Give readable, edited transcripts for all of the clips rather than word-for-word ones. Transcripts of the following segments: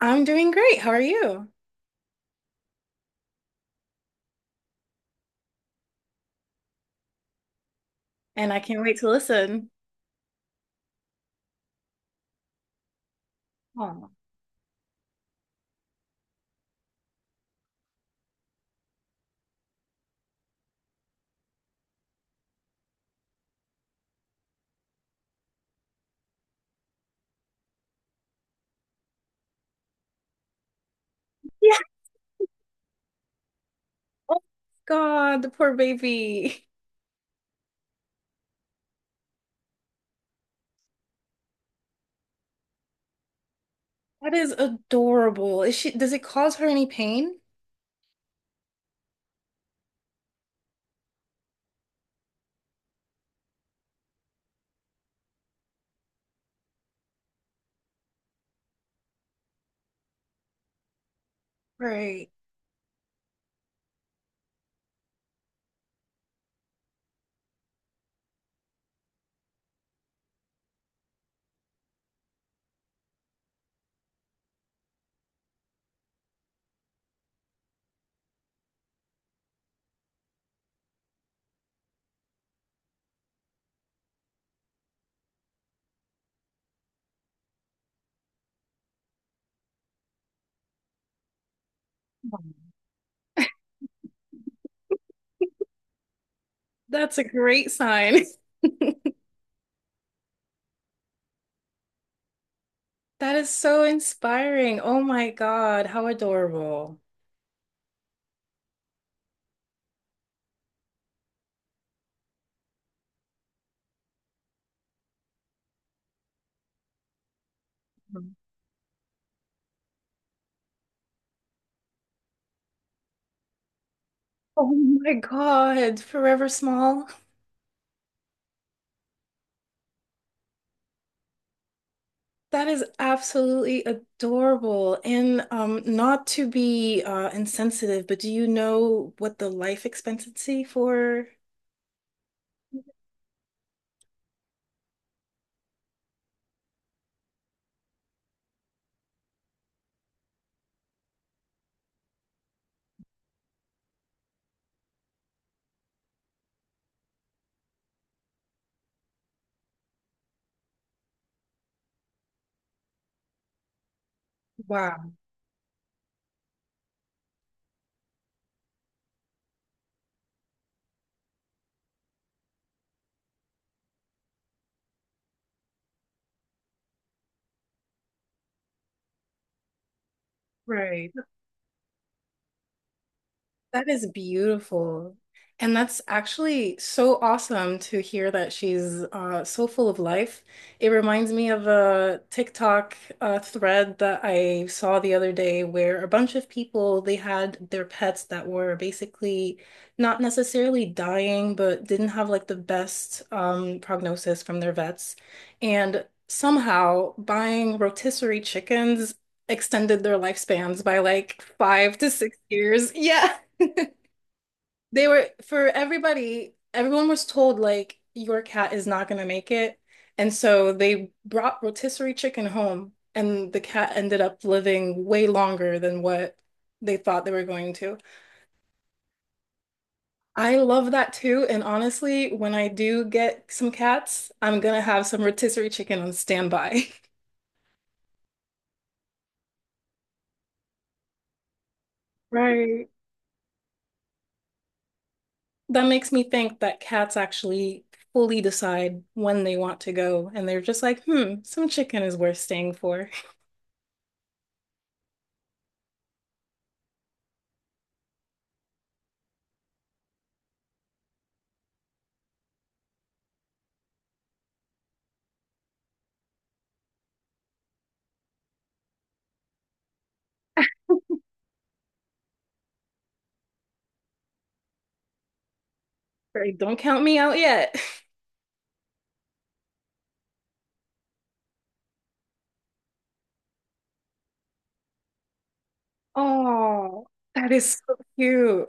I'm doing great. How are you? And I can't wait to listen. Oh, yeah. Oh God, the poor baby. That is adorable. Is she, does it cause her any pain? Right. That's a great sign. That is so inspiring. Oh my God, how adorable. Mhm. Oh my God, Forever Small. That is absolutely adorable. And not to be insensitive, but do you know what the life expectancy for Wow, right. That is beautiful. And that's actually so awesome to hear that she's so full of life. It reminds me of a TikTok thread that I saw the other day where a bunch of people, they had their pets that were basically not necessarily dying, but didn't have like the best prognosis from their vets. And somehow buying rotisserie chickens extended their lifespans by like five to six years. Yeah. They were for everybody, everyone was told like your cat is not gonna make it. And so they brought rotisserie chicken home and the cat ended up living way longer than what they thought they were going to. I love that too. And honestly, when I do get some cats, I'm gonna have some rotisserie chicken on standby. Right. That makes me think that cats actually fully decide when they want to go, and they're just like, hmm, some chicken is worth staying for. Right, don't count me out yet. Oh, that is so cute.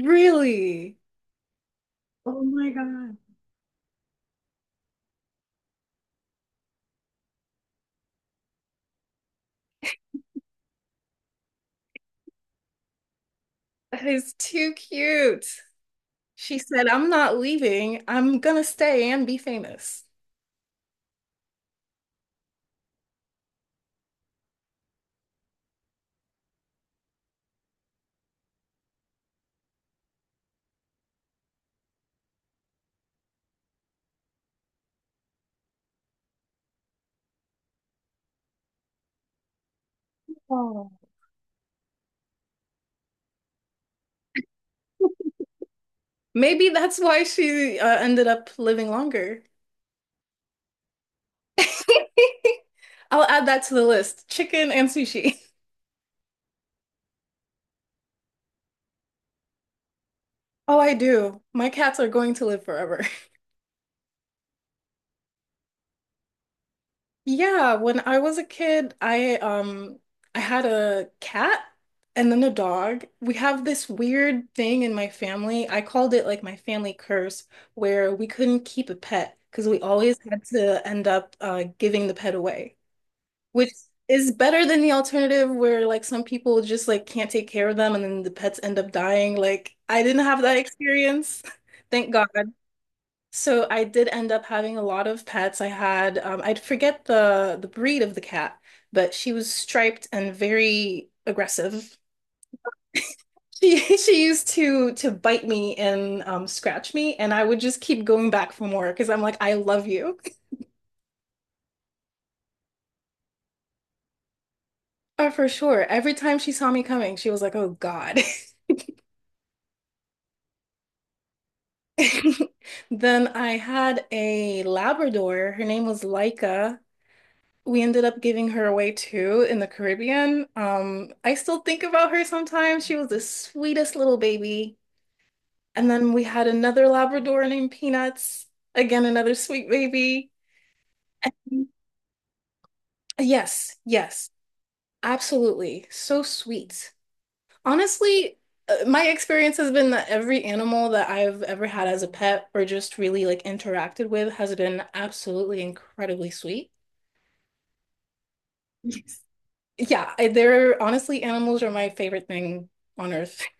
Really? Oh my God. That is too cute. She said, I'm not leaving. I'm gonna stay and be famous. Oh. Maybe that's why she ended up living longer. I'll add that to the list. Chicken and sushi. Oh, I do. My cats are going to live forever. Yeah, when I was a kid, I had a cat and then a dog. We have this weird thing in my family. I called it like my family curse, where we couldn't keep a pet because we always had to end up giving the pet away, which is better than the alternative where like some people just like can't take care of them and then the pets end up dying. Like I didn't have that experience. Thank God. So I did end up having a lot of pets. I had I forget the breed of the cat, but she was striped and very aggressive. She used to bite me and scratch me, and I would just keep going back for more because I'm like, I love you. Oh, for sure. Every time she saw me coming, she was like, "Oh God." Then I had a Labrador. Her name was Laika. We ended up giving her away too in the Caribbean. I still think about her sometimes. She was the sweetest little baby. And then we had another Labrador named Peanuts, again, another sweet baby. And yes, yes, absolutely. So sweet. Honestly, my experience has been that every animal that I've ever had as a pet or just really like interacted with has been absolutely incredibly sweet. Yeah, I, they're honestly animals are my favorite thing on earth.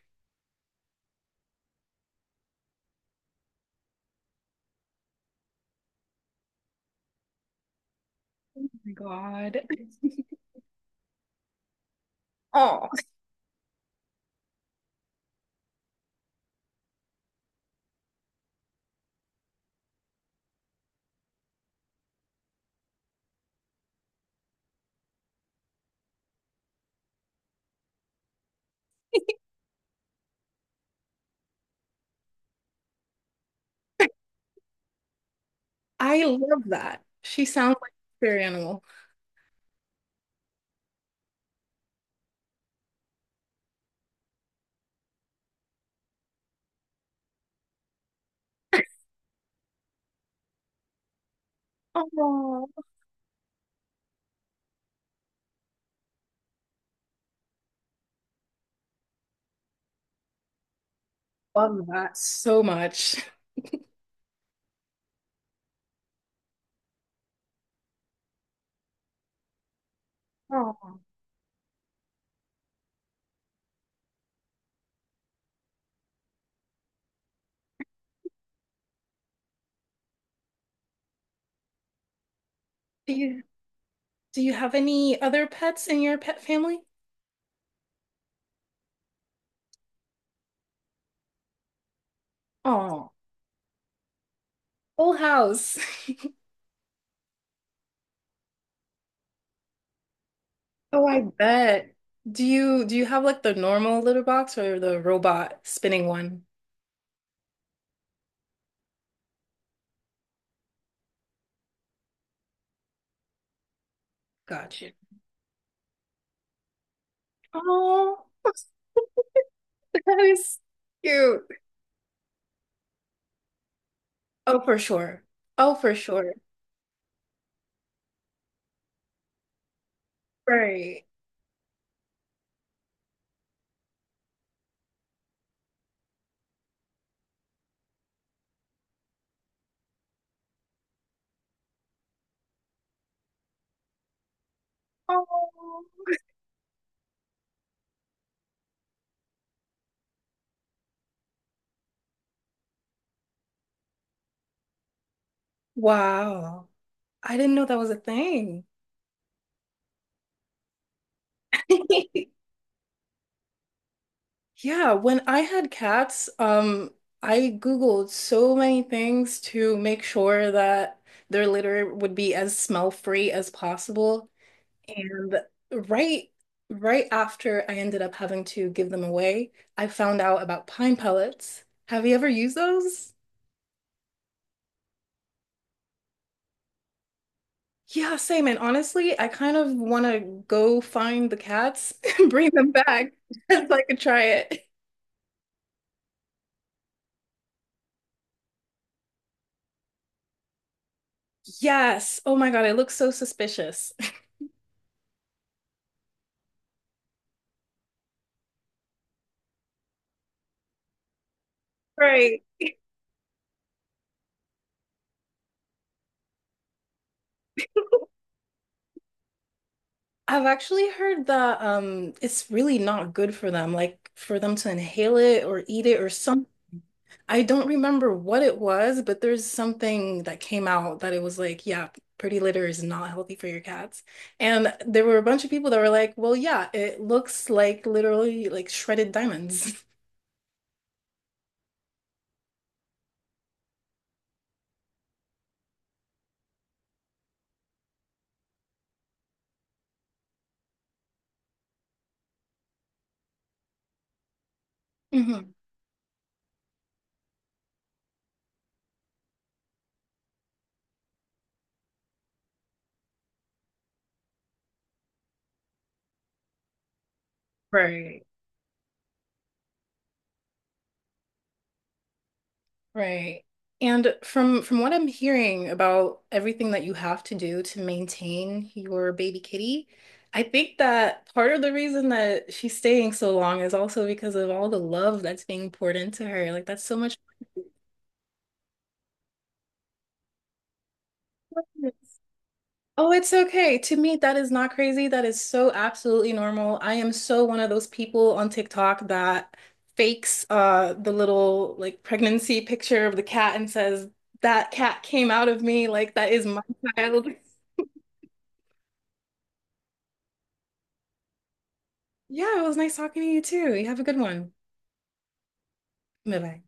Oh my God. Oh, I love that. She sounds like a fairy animal. Oh, love that so much. Oh, do you do you have any other pets in your pet family? Oh, whole house. Oh, I bet. Do you have like the normal litter box or the robot spinning one? Gotcha. Oh, that is cute. Oh, for sure. Oh, for sure. Right. Oh, wow. I didn't know that was a thing. Yeah, when I had cats, I Googled so many things to make sure that their litter would be as smell-free as possible. And right right after I ended up having to give them away, I found out about pine pellets. Have you ever used those? Yeah, same. And honestly, I kind of want to go find the cats and bring them back just so I could try it. Yes. Oh my God, it looks so suspicious. Right. I've actually heard that it's really not good for them, like for them to inhale it or eat it or some I don't remember what it was, but there's something that came out that it was like, yeah, pretty litter is not healthy for your cats. And there were a bunch of people that were like, well, yeah, it looks like literally like shredded diamonds. Hmm. Right. Right. And from what I'm hearing about everything that you have to do to maintain your baby kitty, I think that part of the reason that she's staying so long is also because of all the love that's being poured into her. Like that's so much. Oh, it's okay. To me, that is not crazy. That is so absolutely normal. I am so one of those people on TikTok that fakes the little like pregnancy picture of the cat and says, that cat came out of me, like that is my child. Yeah, it was nice talking to you too. You have a good one. Bye bye.